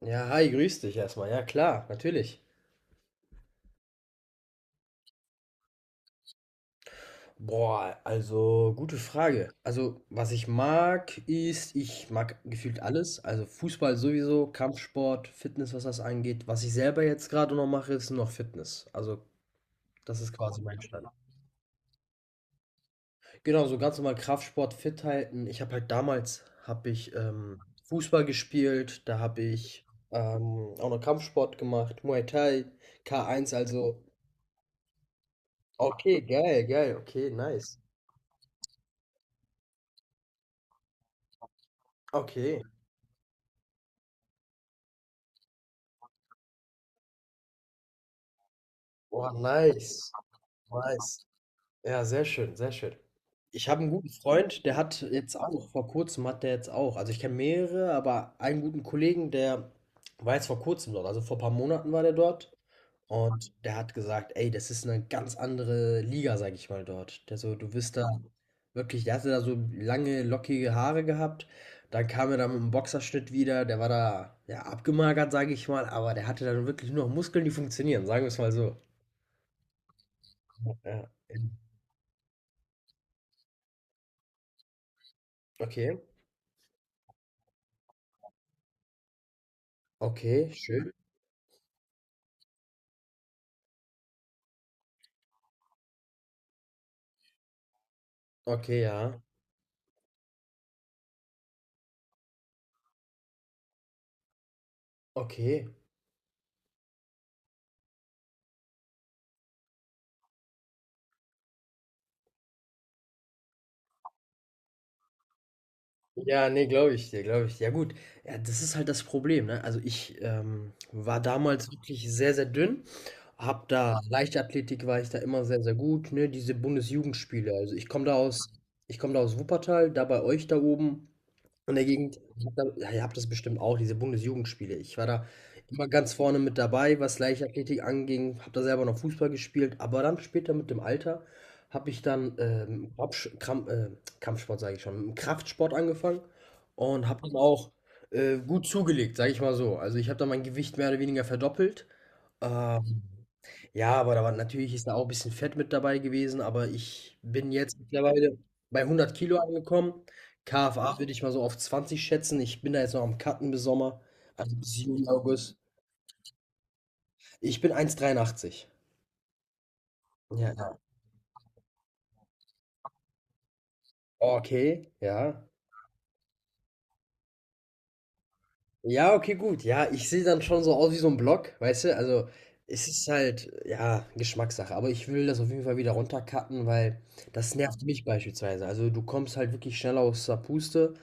Ja, hi, grüß dich erstmal. Ja, klar, natürlich. Boah, also gute Frage. Also, was ich mag, ist, ich mag gefühlt alles. Also Fußball sowieso, Kampfsport, Fitness, was das angeht. Was ich selber jetzt gerade noch mache, ist nur noch Fitness. Also, das ist quasi mein Stand. Genau, so ganz normal Kraftsport, fit halten. Ich habe halt damals, habe ich Fußball gespielt, da habe ich auch noch Kampfsport gemacht, Muay Thai, K1, also okay, geil, geil, okay, nice. Okay. Boah, nice, nice. Ja, sehr schön, sehr schön. Ich habe einen guten Freund, der hat jetzt auch, vor kurzem hat der jetzt auch, also ich kenne mehrere, aber einen guten Kollegen, der war jetzt vor kurzem dort, also vor ein paar Monaten war der dort und der hat gesagt, ey, das ist eine ganz andere Liga, sag ich mal, dort. Der so, du wirst da wirklich, der hatte da so lange, lockige Haare gehabt, dann kam er da mit einem Boxerschnitt wieder, der war da, ja, abgemagert, sag ich mal, aber der hatte dann wirklich nur noch Muskeln, die funktionieren, sagen wir es mal so. Ja. Okay, okay, schön. Okay, ja. Okay. Ja, ne, glaube ich dir, glaube ich dir. Ja gut, ja, das ist halt das Problem, ne? Also ich war damals wirklich sehr, sehr dünn. Hab da Leichtathletik war ich da immer sehr, sehr gut, ne? Diese Bundesjugendspiele. Also ich komme da aus, ich komme da aus Wuppertal, da bei euch da oben in der Gegend. Ich hab da, ja, ihr habt das bestimmt auch, diese Bundesjugendspiele. Ich war da immer ganz vorne mit dabei, was Leichtathletik anging. Habe da selber noch Fußball gespielt, aber dann später mit dem Alter habe ich dann Kampfsport sage ich schon, mit dem Kraftsport angefangen und habe dann auch, gut zugelegt, sage ich mal so. Also, ich habe dann mein Gewicht mehr oder weniger verdoppelt. Ähm, ja, aber da war natürlich ist da auch ein bisschen Fett mit dabei gewesen, aber ich bin jetzt mittlerweile bei 100 Kilo angekommen. KFA würde ich mal so auf 20 schätzen. Ich bin da jetzt noch am cutten bis Sommer, also bis Juli, August. Ich bin 1,83. Ja, ja. Okay, ja. Ja, okay, gut. Ja, ich sehe dann schon so aus wie so ein Block, weißt du? Also, es ist halt, ja, Geschmackssache, aber ich will das auf jeden Fall wieder runtercutten, weil das nervt mich beispielsweise. Also, du kommst halt wirklich schneller aus der Puste,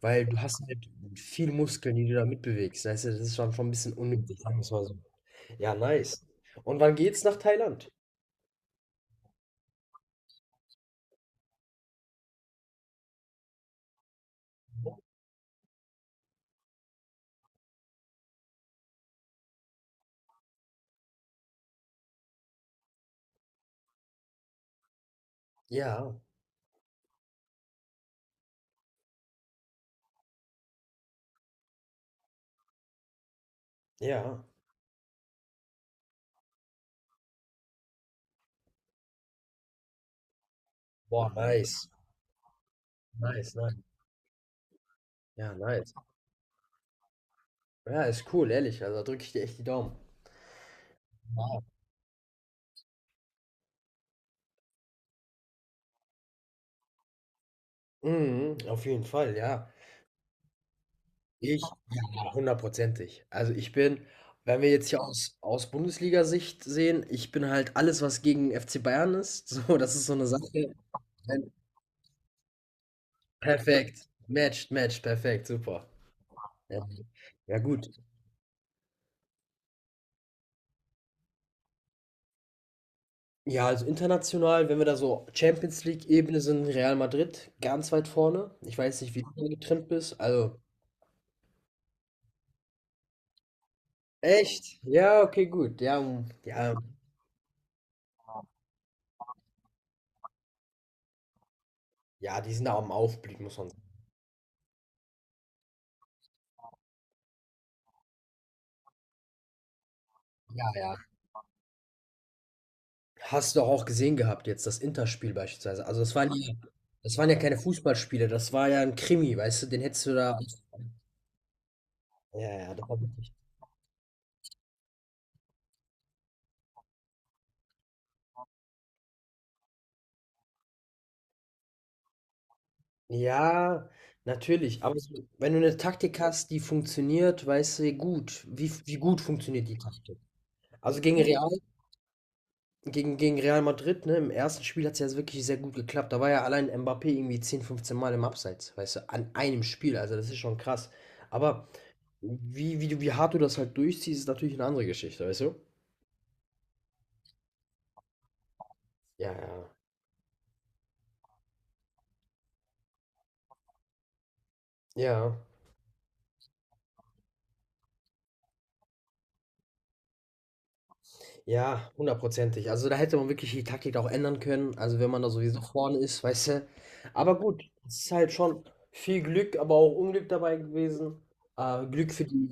weil du hast halt viel Muskeln, die du da mitbewegst, weißt du? Das ist dann schon ein bisschen unnötig, sagen wir's mal so. Ja, nice. Und wann geht's nach Thailand? Ja, ja. Boah, nice. Nice, nice. Ja, nice. Ja, ist cool, ehrlich. Also, da drücke ich dir echt die Daumen. Ja. Mhm, auf jeden Fall, ja. Ich Ja, hundertprozentig. Also, ich bin, wenn wir jetzt hier aus Bundesliga Sicht sehen, ich bin halt alles, was gegen FC Bayern ist, so, das ist so eine Sache. Wenn Perfekt. Matcht, matcht, perfekt, super. Ja. Ja gut. Ja, also international, wenn wir da so Champions League-Ebene sind, Real Madrid ganz weit vorne. Ich weiß nicht, wie du da getrimmt bist. Also echt? Ja, okay, gut. Ja, ja, ja, die sind da am Aufblick, muss man sagen. Ja, ja. Hast du doch auch gesehen gehabt jetzt, das Interspiel beispielsweise. Also das waren ja keine Fußballspiele, das war ja ein Krimi, weißt du, den hättest du da, ja, ja, das war wirklich. Ja, natürlich, aber so wenn du eine Taktik hast, die funktioniert, weißt du gut, wie gut funktioniert die Taktik? Also gegen Real Madrid, ne, im ersten Spiel hat's ja wirklich sehr gut geklappt. Da war ja allein Mbappé irgendwie 10, 15 Mal im Abseits, weißt du, an einem Spiel, also das ist schon krass. Aber wie hart du das halt durchziehst, ist natürlich eine andere Geschichte, weißt du? Ja, ja. Ja, ja, hundertprozentig. Also da hätte man wirklich die Taktik auch ändern können. Also wenn man da sowieso vorne ist, weißt du. Aber gut, es ist halt schon viel Glück, aber auch Unglück dabei gewesen. Glück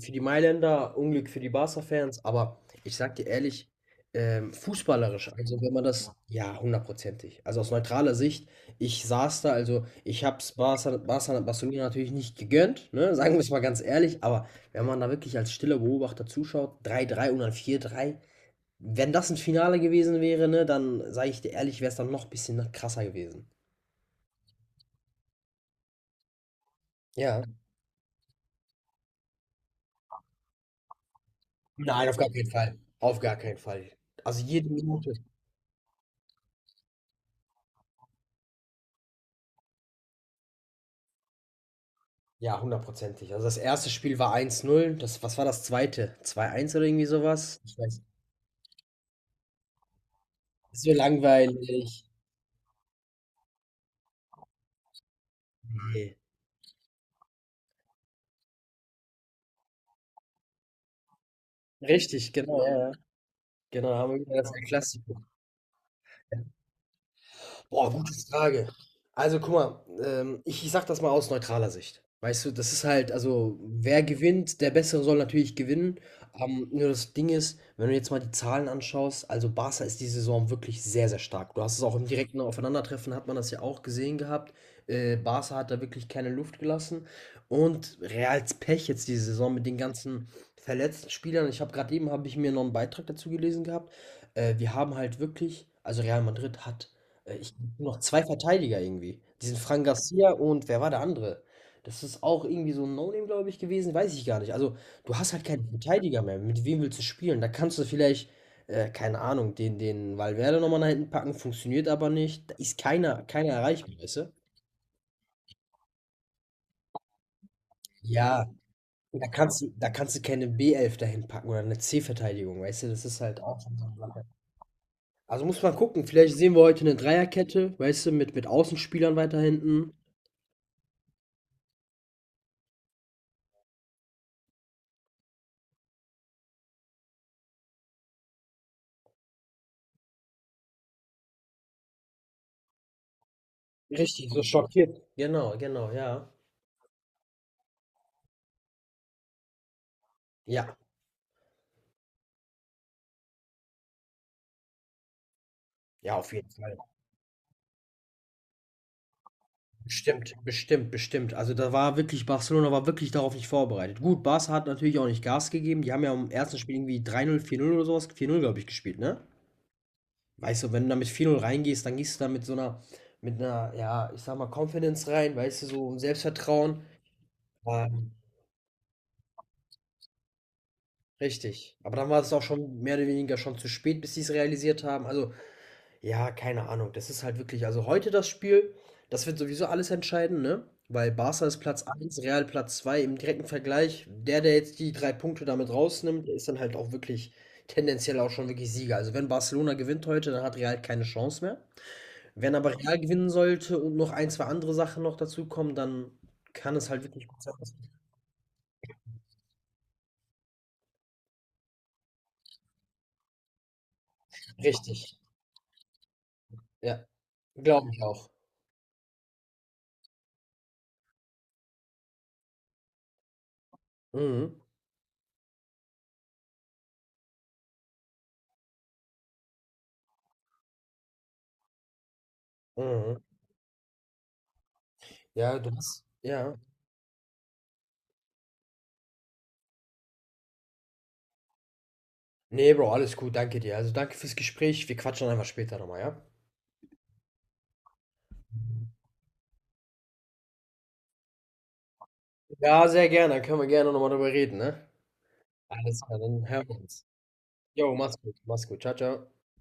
für die Mailänder, Unglück für die Barca-Fans. Aber ich sag dir ehrlich, fußballerisch, also wenn man das, ja, hundertprozentig. Also aus neutraler Sicht, ich saß da, also ich hab's Barcelona natürlich nicht gegönnt, ne? Sagen wir es mal ganz ehrlich, aber wenn man da wirklich als stiller Beobachter zuschaut, 3-3 und dann 4-3, wenn das ein Finale gewesen wäre, ne, dann sage ich dir ehrlich, wäre es dann noch ein bisschen krasser gewesen. Ja. Nein, auf gar keinen Fall. Auf gar keinen Fall. Also, jede Minute ja, hundertprozentig. Also, das erste Spiel war 1:0. Das. Was war das 2.? 2:1 oder irgendwie sowas? Ich weiß nicht, so langweilig. Ne. Richtig, genau, ja, ja. Genau, haben wir wieder das Klassiker. Boah, gute Frage. Also guck mal, ich sag das mal aus neutraler Sicht. Weißt du, das ist halt, also wer gewinnt, der Bessere soll natürlich gewinnen. Nur das Ding ist, wenn du jetzt mal die Zahlen anschaust, also Barca ist die Saison wirklich sehr, sehr stark. Du hast es auch im direkten Aufeinandertreffen, hat man das ja auch gesehen gehabt. Barca hat da wirklich keine Luft gelassen. Und Reals Pech jetzt diese Saison mit den ganzen verletzten Spielern. Ich habe gerade eben, habe ich mir noch einen Beitrag dazu gelesen gehabt. Wir haben halt wirklich, also Real Madrid hat ich nur noch zwei Verteidiger irgendwie. Diesen Fran Garcia und wer war der andere? Das ist auch irgendwie so ein No-Name, glaube ich, gewesen, weiß ich gar nicht. Also, du hast halt keinen Verteidiger mehr. Mit wem willst du spielen? Da kannst du vielleicht, keine Ahnung, den Valverde nochmal nach hinten packen, funktioniert aber nicht. Da ist keiner, keiner erreichbar, weißt du? Ja, da kannst du keine b elf dahin packen oder eine C-Verteidigung, weißt du, das ist halt auch schon so eine Sache. Also muss man gucken, vielleicht sehen wir heute eine Dreierkette, weißt du, mit Außenspielern weiter hinten. Richtig, so schockiert. Genau, genau, ja. Ja, ja, auf jeden Fall. Bestimmt, bestimmt, bestimmt. Also da war wirklich, Barcelona war wirklich darauf nicht vorbereitet. Gut, Barca hat natürlich auch nicht Gas gegeben. Die haben ja im ersten Spiel irgendwie 3-0, 4-0 oder sowas, 4-0, glaube ich, gespielt, ne? Weißt du, wenn du da mit 4-0 reingehst, dann gehst du da mit so einer, mit einer, ja, ich sag mal, Confidence rein, weißt du, so ein Selbstvertrauen. Ähm, richtig. Aber dann war es auch schon mehr oder weniger schon zu spät, bis sie es realisiert haben. Also ja, keine Ahnung. Das ist halt wirklich also heute das Spiel, das wird sowieso alles entscheiden, ne? Weil Barca ist Platz eins, Real Platz 2 im direkten Vergleich. Der jetzt die drei Punkte damit rausnimmt, der ist dann halt auch wirklich tendenziell auch schon wirklich Sieger. Also wenn Barcelona gewinnt heute, dann hat Real keine Chance mehr. Wenn aber Real gewinnen sollte und noch ein, zwei andere Sachen noch dazukommen, dann kann es halt wirklich gut sein. Dass- Richtig, ja. Glaube ich auch. Mhm. Mhm. Ja, du hast. Ja. Ne, Bro, alles gut, danke dir. Also danke fürs Gespräch. Wir quatschen einfach später nochmal, ja? Ja, sehr gerne. Dann können wir gerne nochmal drüber reden, ne? Alles klar, dann hören wir uns. Jo, mach's gut, mach's gut. Ciao, ciao.